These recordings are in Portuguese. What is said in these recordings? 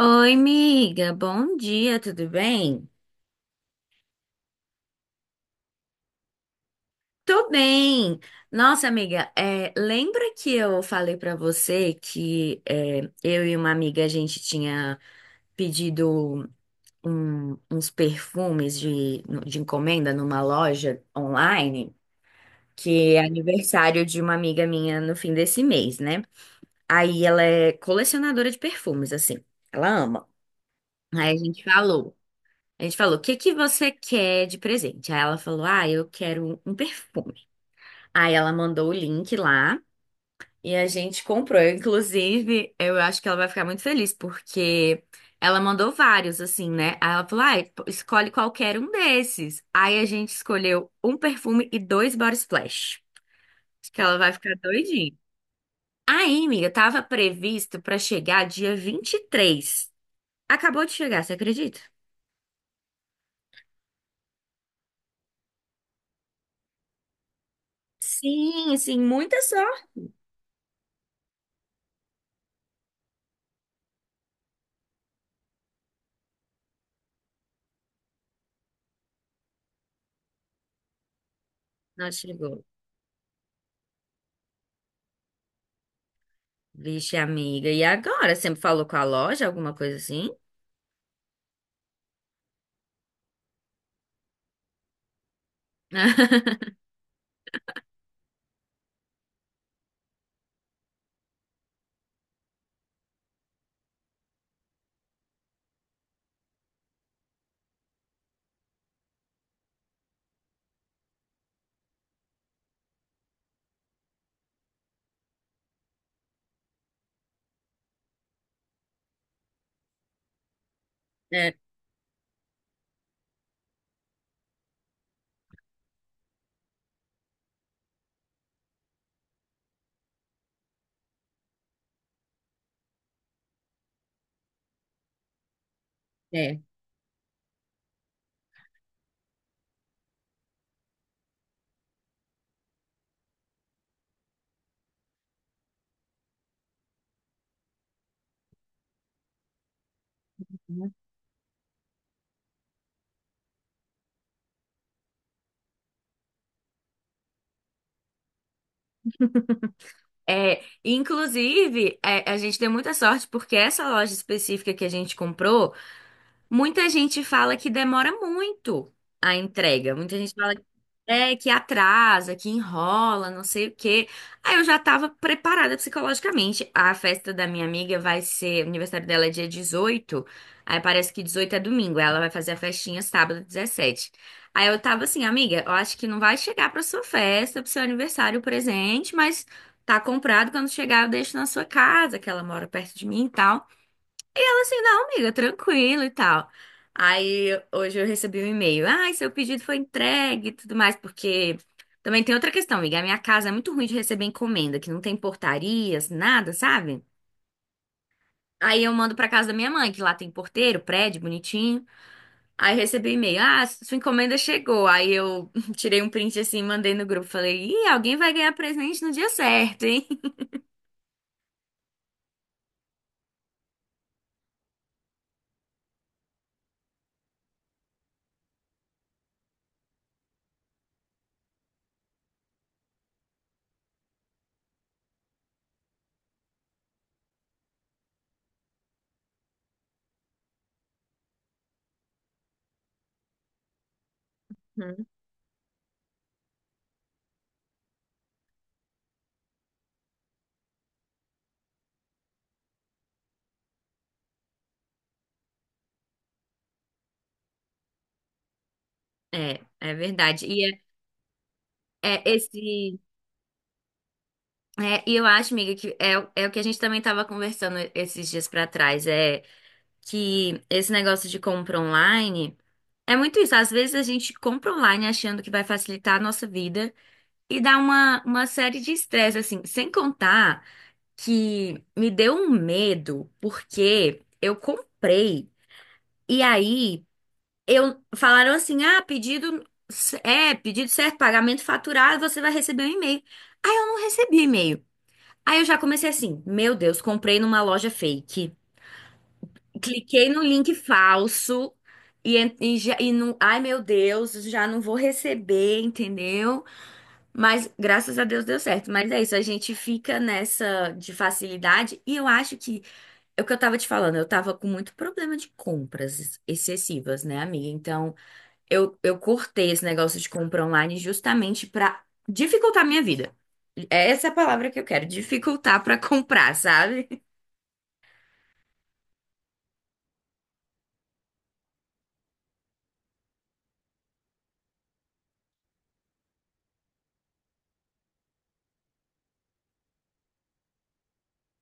Oi, amiga, bom dia, tudo bem? Tô bem. Nossa, amiga, lembra que eu falei pra você que eu e uma amiga a gente tinha pedido uns perfumes de encomenda numa loja online, que é aniversário de uma amiga minha no fim desse mês, né? Aí ela é colecionadora de perfumes, assim, ela ama. Aí a gente falou. A gente falou, o que que você quer de presente? Aí ela falou, ah, eu quero um perfume. Aí ela mandou o link lá e a gente comprou. Inclusive, eu acho que ela vai ficar muito feliz porque ela mandou vários, assim, né? Aí ela falou, ah, escolhe qualquer um desses. Aí a gente escolheu um perfume e dois body splash. Acho que ela vai ficar doidinha. Aí, amiga, tava previsto pra chegar dia 23. Acabou de chegar, você acredita? Sim, sim, muita sorte. Não chegou. Vixe, amiga. E agora? Sempre falou com a loja, alguma coisa assim? É, é. É, inclusive, a gente deu muita sorte porque essa loja específica que a gente comprou, muita gente fala que demora muito a entrega. Muita gente fala que atrasa, que enrola, não sei o quê. Aí eu já tava preparada psicologicamente. A festa da minha amiga vai ser, o aniversário dela é dia 18. Aí parece que 18 é domingo. Ela vai fazer a festinha sábado 17. Aí eu tava assim, amiga, eu acho que não vai chegar pra sua festa, pro seu aniversário o presente, mas tá comprado. Quando chegar, eu deixo na sua casa, que ela mora perto de mim e tal. Eu assim, não, amiga, tranquilo e tal. Aí hoje eu recebi um e-mail. Ai, seu pedido foi entregue e tudo mais, porque também tem outra questão, amiga. A minha casa é muito ruim de receber encomenda, que não tem portarias, nada, sabe? Aí eu mando pra casa da minha mãe, que lá tem porteiro, prédio, bonitinho. Aí recebi um e-mail. Ah, sua encomenda chegou. Aí eu tirei um print assim, mandei no grupo. Falei, ih, alguém vai ganhar presente no dia certo, hein? É, é verdade. E é esse. É, e eu acho, amiga, que é, é o que a gente também estava conversando esses dias pra trás, é que esse negócio de compra online é muito isso. Às vezes a gente compra online achando que vai facilitar a nossa vida e dá uma série de estresse, assim, sem contar que me deu um medo, porque eu comprei e aí eu falaram assim: ah, pedido pedido certo, pagamento faturado, você vai receber um e-mail. Aí eu não recebi e-mail. Aí eu já comecei assim, meu Deus, comprei numa loja fake. Cliquei no link falso e não, ai meu Deus, já não vou receber, entendeu? Mas graças a Deus deu certo. Mas é isso, a gente fica nessa de facilidade e eu acho que é o que eu tava te falando, eu tava com muito problema de compras excessivas, né, amiga? Então, eu cortei esse negócio de compra online justamente pra dificultar a minha vida. Essa é a palavra que eu quero, dificultar pra comprar, sabe?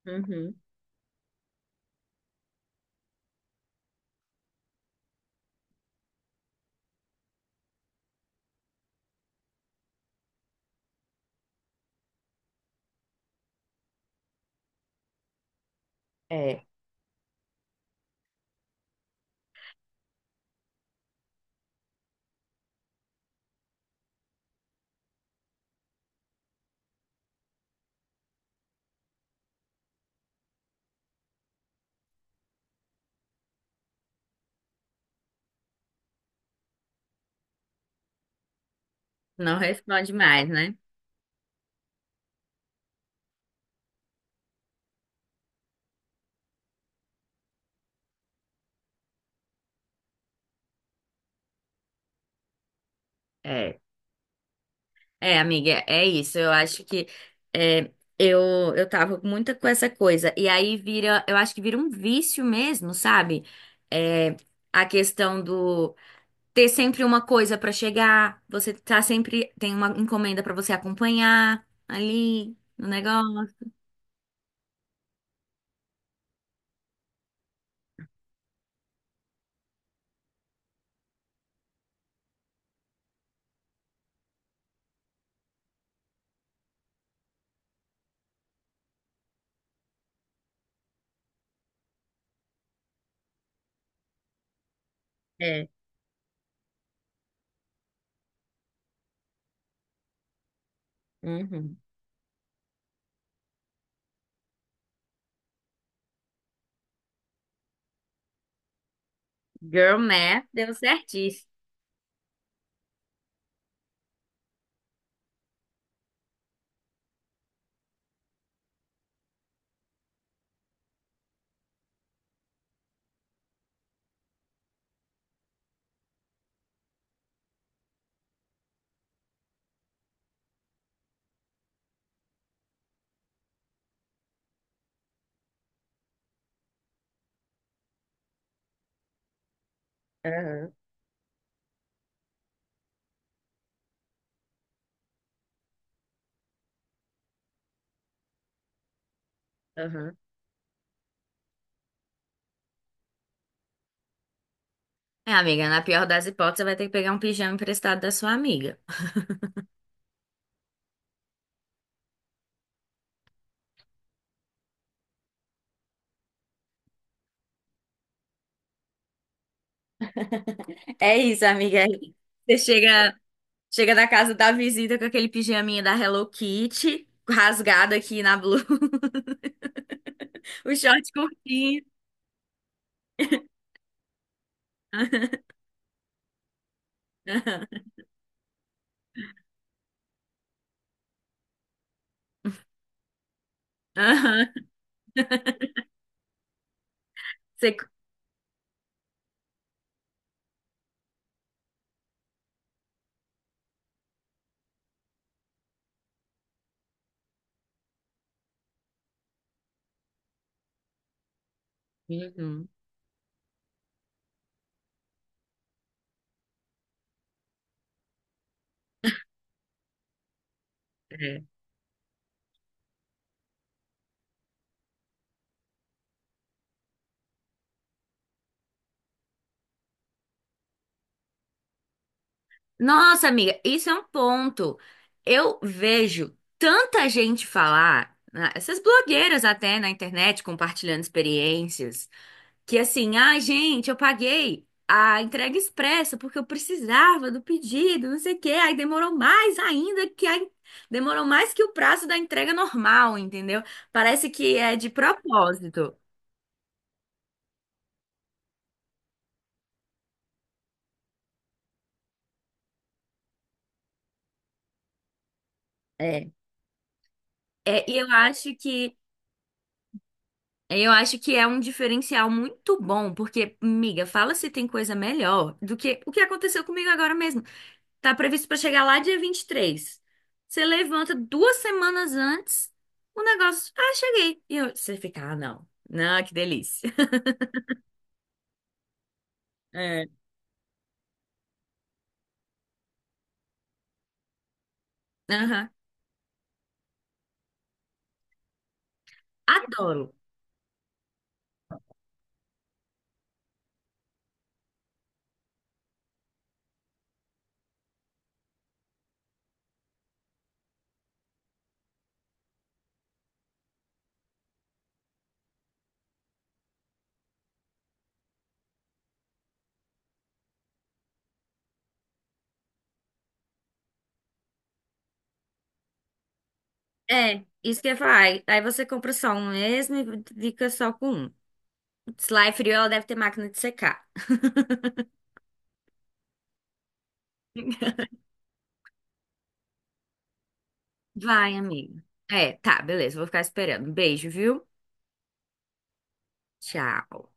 Uhum. É. Não responde mais, né? É. É, amiga, é isso. Eu acho que é, eu, eu tava muito com essa coisa. E aí vira, eu acho que vira um vício mesmo, sabe? É, a questão do ter sempre uma coisa pra chegar, você tá sempre, tem uma encomenda pra você acompanhar ali no negócio. É. Uhum. Girl math deu certíssimo. Aham, aham. É, amiga, na pior das hipóteses, você vai ter que pegar um pijama emprestado da sua amiga. É isso, amiga. Você chega, chega na casa da visita com aquele pijaminha da Hello Kitty, rasgado aqui na blusa, o short curtinho. Aham. Você uhum. É. Nossa, amiga, isso é um ponto. Eu vejo tanta gente falar, né, essas blogueiras até na internet compartilhando experiências. Que assim, ah, gente, eu paguei a entrega expressa porque eu precisava do pedido, não sei o quê. Aí demorou mais ainda que a... demorou mais que o prazo da entrega normal, entendeu? Parece que é de propósito. É. É, e eu acho que é um diferencial muito bom, porque, miga, fala se tem coisa melhor do que o que aconteceu comigo agora mesmo. Tá previsto para chegar lá dia 23. Você levanta 2 semanas antes, o negócio. Ah, cheguei. E você fica, ah, não. Não, que delícia. É. Aham. Adoro. É, isso que eu ia falar. Aí você compra só um mesmo e fica só com um. Se lá é frio, ela deve ter máquina de secar. Vai, amiga. É, tá, beleza. Vou ficar esperando. Beijo, viu? Tchau.